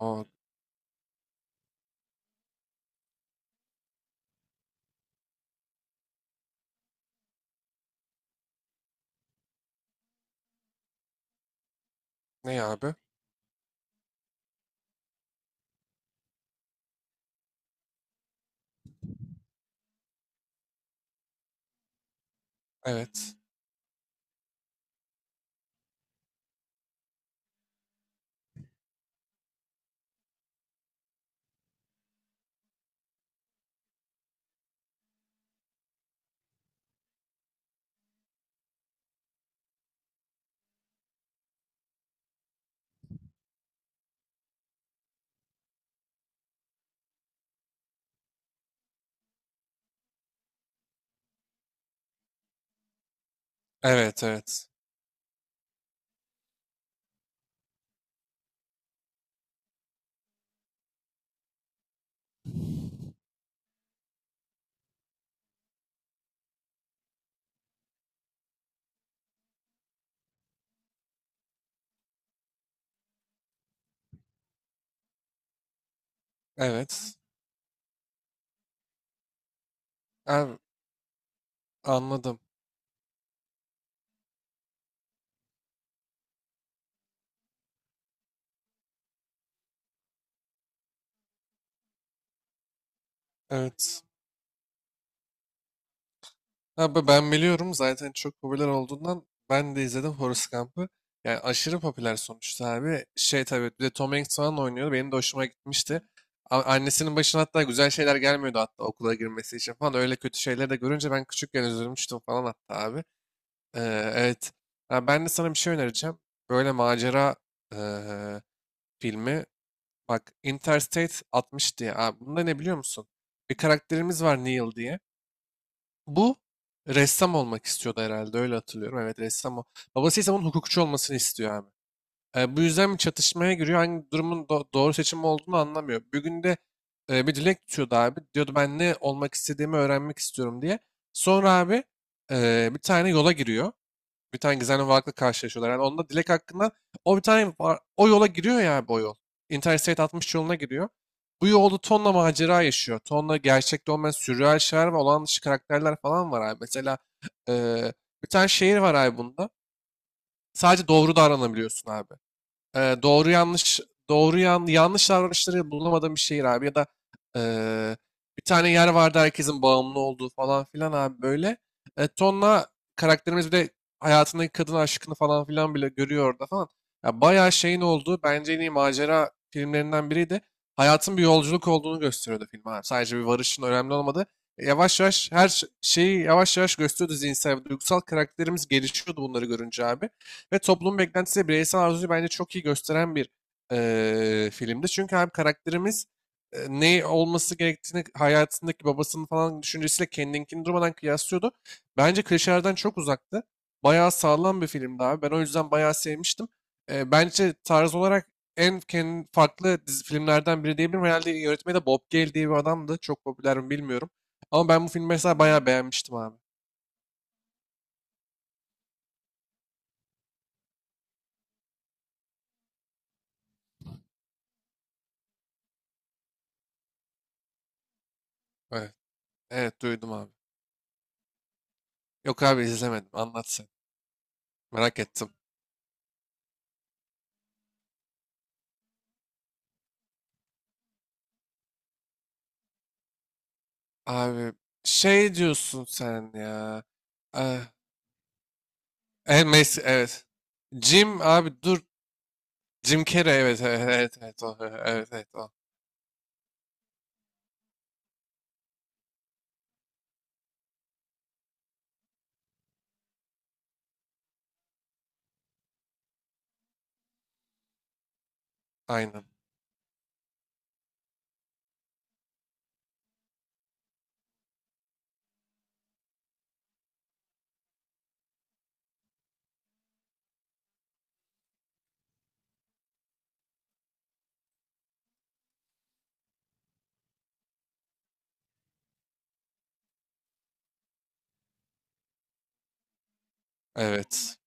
O ne abi? Evet. Evet evet. Evet. Abi, anladım. Evet. Abi ben biliyorum zaten çok popüler olduğundan ben de izledim Forrest Gump'ı. Yani aşırı popüler sonuçta abi. Şey tabii bir de Tom Hanks falan oynuyordu. Benim de hoşuma gitmişti. Annesinin başına hatta güzel şeyler gelmiyordu hatta okula girmesi için falan. Öyle kötü şeyleri de görünce ben küçükken üzülmüştüm falan hatta abi. Evet. Ha, ben de sana bir şey önereceğim. Böyle macera ee, filmi. Bak Interstate 60 diye. Abi, bunda ne biliyor musun? Bir karakterimiz var Neil diye. Bu ressam olmak istiyordu herhalde öyle hatırlıyorum. Evet ressam o. Babası ise bunun hukukçu olmasını istiyor abi. Bu yüzden bir çatışmaya giriyor. Hangi durumun doğru seçim olduğunu anlamıyor. Bir günde bir dilek tutuyordu abi. Diyordu ben ne olmak istediğimi öğrenmek istiyorum diye. Sonra abi bir tane yola giriyor. Bir tane gizemli varlıkla karşılaşıyorlar. Yani onda Dilek hakkında o bir tane o yola giriyor ya bu yol. Interstate 60 yoluna giriyor. Bu yolda tonla macera yaşıyor. Tonla gerçekte olmayan sürreal şeyler ve olağan dışı karakterler falan var abi. Mesela eee, bir tane şehir var abi bunda. Sadece doğru davranabiliyorsun abi. Doğru yanlış yanlış davranışları bulamadığım bir şehir abi ya da eee, bir tane yer vardı herkesin bağımlı olduğu falan filan abi böyle. Tonla karakterimiz bir de hayatındaki kadın aşkını falan filan bile görüyor orada falan. Ya bayağı şeyin olduğu bence en iyi macera filmlerinden biriydi. Hayatın bir yolculuk olduğunu gösteriyordu film abi. Sadece bir varışın önemli olmadı. Yavaş yavaş her şeyi yavaş yavaş gösteriyordu zihinsel ve duygusal, karakterimiz gelişiyordu bunları görünce abi. Ve toplum beklentisi bireysel arzuyu bence çok iyi gösteren bir filmdi. Çünkü hem karakterimiz ne olması gerektiğini hayatındaki babasının falan düşüncesiyle kendinkini durmadan kıyaslıyordu. Bence klişelerden çok uzaktı. Bayağı sağlam bir filmdi abi. Ben o yüzden bayağı sevmiştim. Bence tarz olarak en kendi farklı dizi, filmlerden biri diyebilirim. Herhalde yönetmeni de Bob Gale diye bir adamdı. Çok popüler mi bilmiyorum. Ama ben bu filmi mesela bayağı beğenmiştim abi. Evet, evet duydum abi. Yok abi izlemedim. Anlat sen. Merak ettim. Abi şey diyorsun sen ya. Eh, en mes evet. Jim abi dur. Jim Carrey, evet evet evet evet o, evet evet o. Aynen. Evet.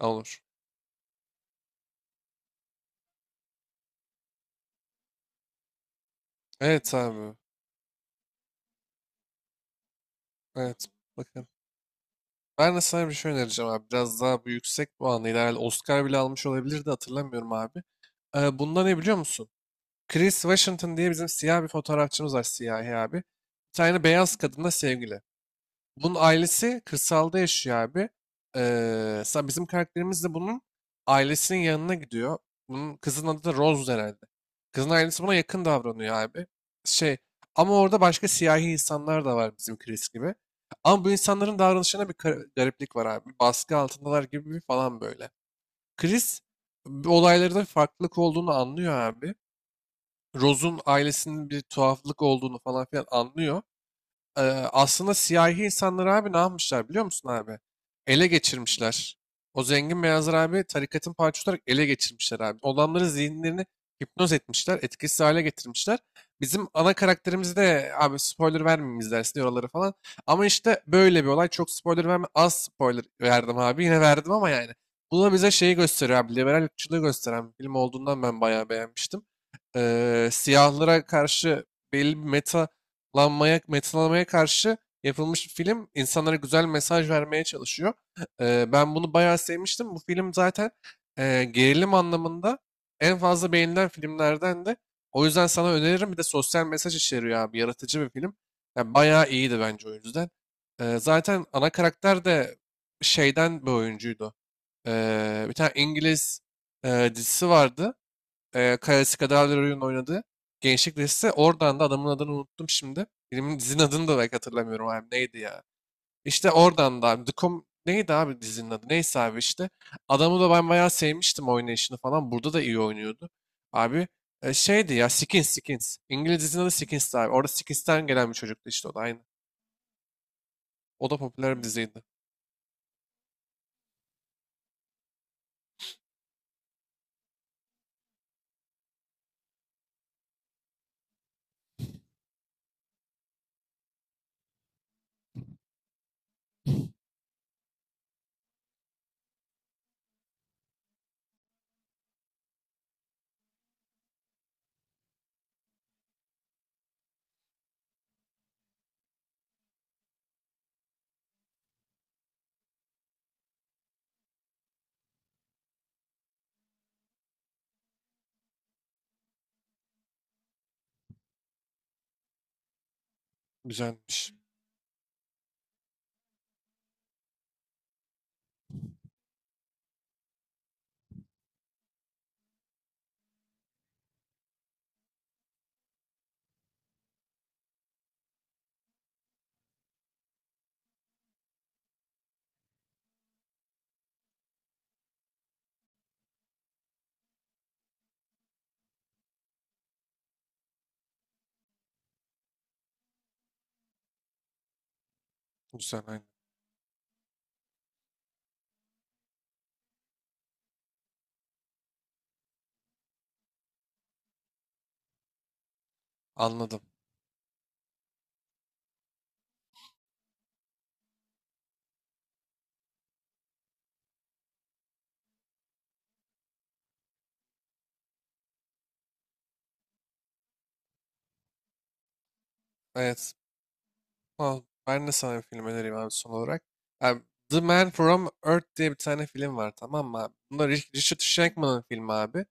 Olur. Evet abi. Evet. Bakın. Ben de sana bir şey önereceğim abi. Biraz daha bu yüksek puanlıydı. Herhalde Oscar bile almış olabilirdi, hatırlamıyorum abi. Eh, bunda ne biliyor musun? Chris Washington diye bizim siyah bir fotoğrafçımız var, siyahi abi. Bir tane beyaz kadınla sevgili. Bunun ailesi kırsalda yaşıyor abi. Ee, Bizim karakterimiz de bunun ailesinin yanına gidiyor. Bunun kızın adı da Rose herhalde. Kızın ailesi buna yakın davranıyor abi. Şey, ama orada başka siyahi insanlar da var bizim Chris gibi. Ama bu insanların davranışına bir gariplik var abi. Baskı altındalar gibi bir falan böyle. Chris bu olaylarda bir farklılık olduğunu anlıyor abi. Rose'un ailesinin bir tuhaflık olduğunu falan filan anlıyor. Ee, Aslında siyahi insanlar abi, ne yapmışlar biliyor musun abi? Ele geçirmişler. O zengin beyazlar abi tarikatın parçası olarak ele geçirmişler abi. Olanların zihinlerini hipnoz etmişler, etkisiz hale getirmişler. Bizim ana karakterimiz de abi, spoiler vermeyeyim, izlersin oraları falan. Ama işte böyle bir olay. Çok spoiler verme. Az spoiler verdim abi. Yine verdim ama yani. Bu da bize şeyi gösteriyor abi. Liberal ırkçılığı gösteren bir film olduğundan ben bayağı beğenmiştim. Siyahlara karşı belli bir meta lanmaya, metinlemeye karşı yapılmış bir film. İnsanlara güzel mesaj vermeye çalışıyor. Ben bunu bayağı sevmiştim. Bu film zaten gerilim anlamında en fazla beğenilen filmlerden de. O yüzden sana öneririm. Bir de sosyal mesaj içeriyor abi. Yaratıcı bir film. Yani bayağı iyiydi bence o yüzden. Zaten ana karakter de şeyden bir oyuncuydu. Bir tane İngiliz dizisi vardı. Karasi oyun oynadı. Gençlik dizisi. Oradan da adamın adını unuttum şimdi. Filmin dizinin adını da belki hatırlamıyorum abi. Neydi ya? İşte oradan da abi. Neydi abi dizinin adı? Neyse abi işte. Adamı da ben bayağı sevmiştim, oynayışını falan. Burada da iyi oynuyordu. Abi şeydi ya, Skins. İngiliz dizinin adı Skins'ti abi. Orada Skins'ten gelen bir çocuktu işte, o da aynı. O da popüler bir diziydi. Güzelmiş. Güzel aynı. Anladım. Evet. Ha, ben de sana bir film önereyim abi son olarak. Abi, The Man From Earth diye bir tane film var tamam mı abi? Bunda Richard Shankman'ın filmi abi.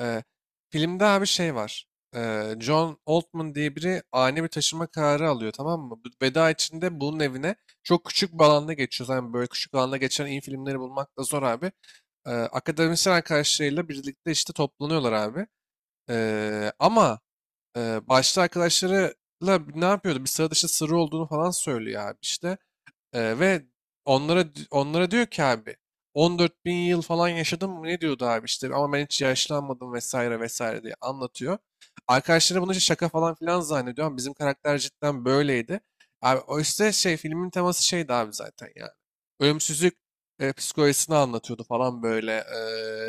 Ee, Filmde abi şey var. John Altman diye biri ani bir taşıma kararı alıyor tamam mı? Bu Veda içinde bunun evine, çok küçük bir alanda geçiyor. Yani böyle küçük alanda geçen iyi filmleri bulmak da zor abi. Akademisyen arkadaşlarıyla birlikte işte toplanıyorlar abi. Ama... Başta arkadaşlarıyla ne yapıyordu? Bir sıra dışı sırrı olduğunu falan söylüyor abi işte. Ve onlara diyor ki abi, 14 bin yıl falan yaşadım mı ne diyordu abi işte, ama ben hiç yaşlanmadım vesaire vesaire diye anlatıyor. Arkadaşları bunu işte şaka falan filan zannediyor ama bizim karakter cidden böyleydi. Abi o işte şey, filmin teması şeydi abi zaten yani. Ölümsüzlük psikolojisini anlatıyordu falan böyle.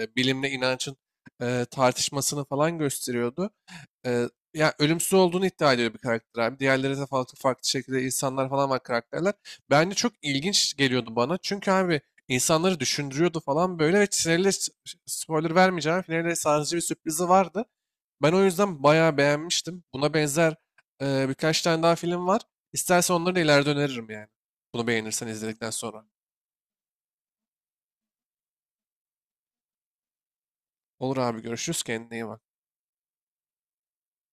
Bilimle inancın tartışmasını falan gösteriyordu. Ee, Ya ölümsüz olduğunu iddia ediyor bir karakter abi. Diğerleri de farklı farklı şekilde insanlar falan var, karakterler. Bence çok ilginç geliyordu bana. Çünkü abi insanları düşündürüyordu falan böyle ve finalde spoiler vermeyeceğim. Finalde sadece bir sürprizi vardı. Ben o yüzden bayağı beğenmiştim. Buna benzer birkaç tane daha film var. İstersen onları da ileride öneririm yani. Bunu beğenirsen izledikten sonra. Olur abi, görüşürüz. Kendine iyi bak.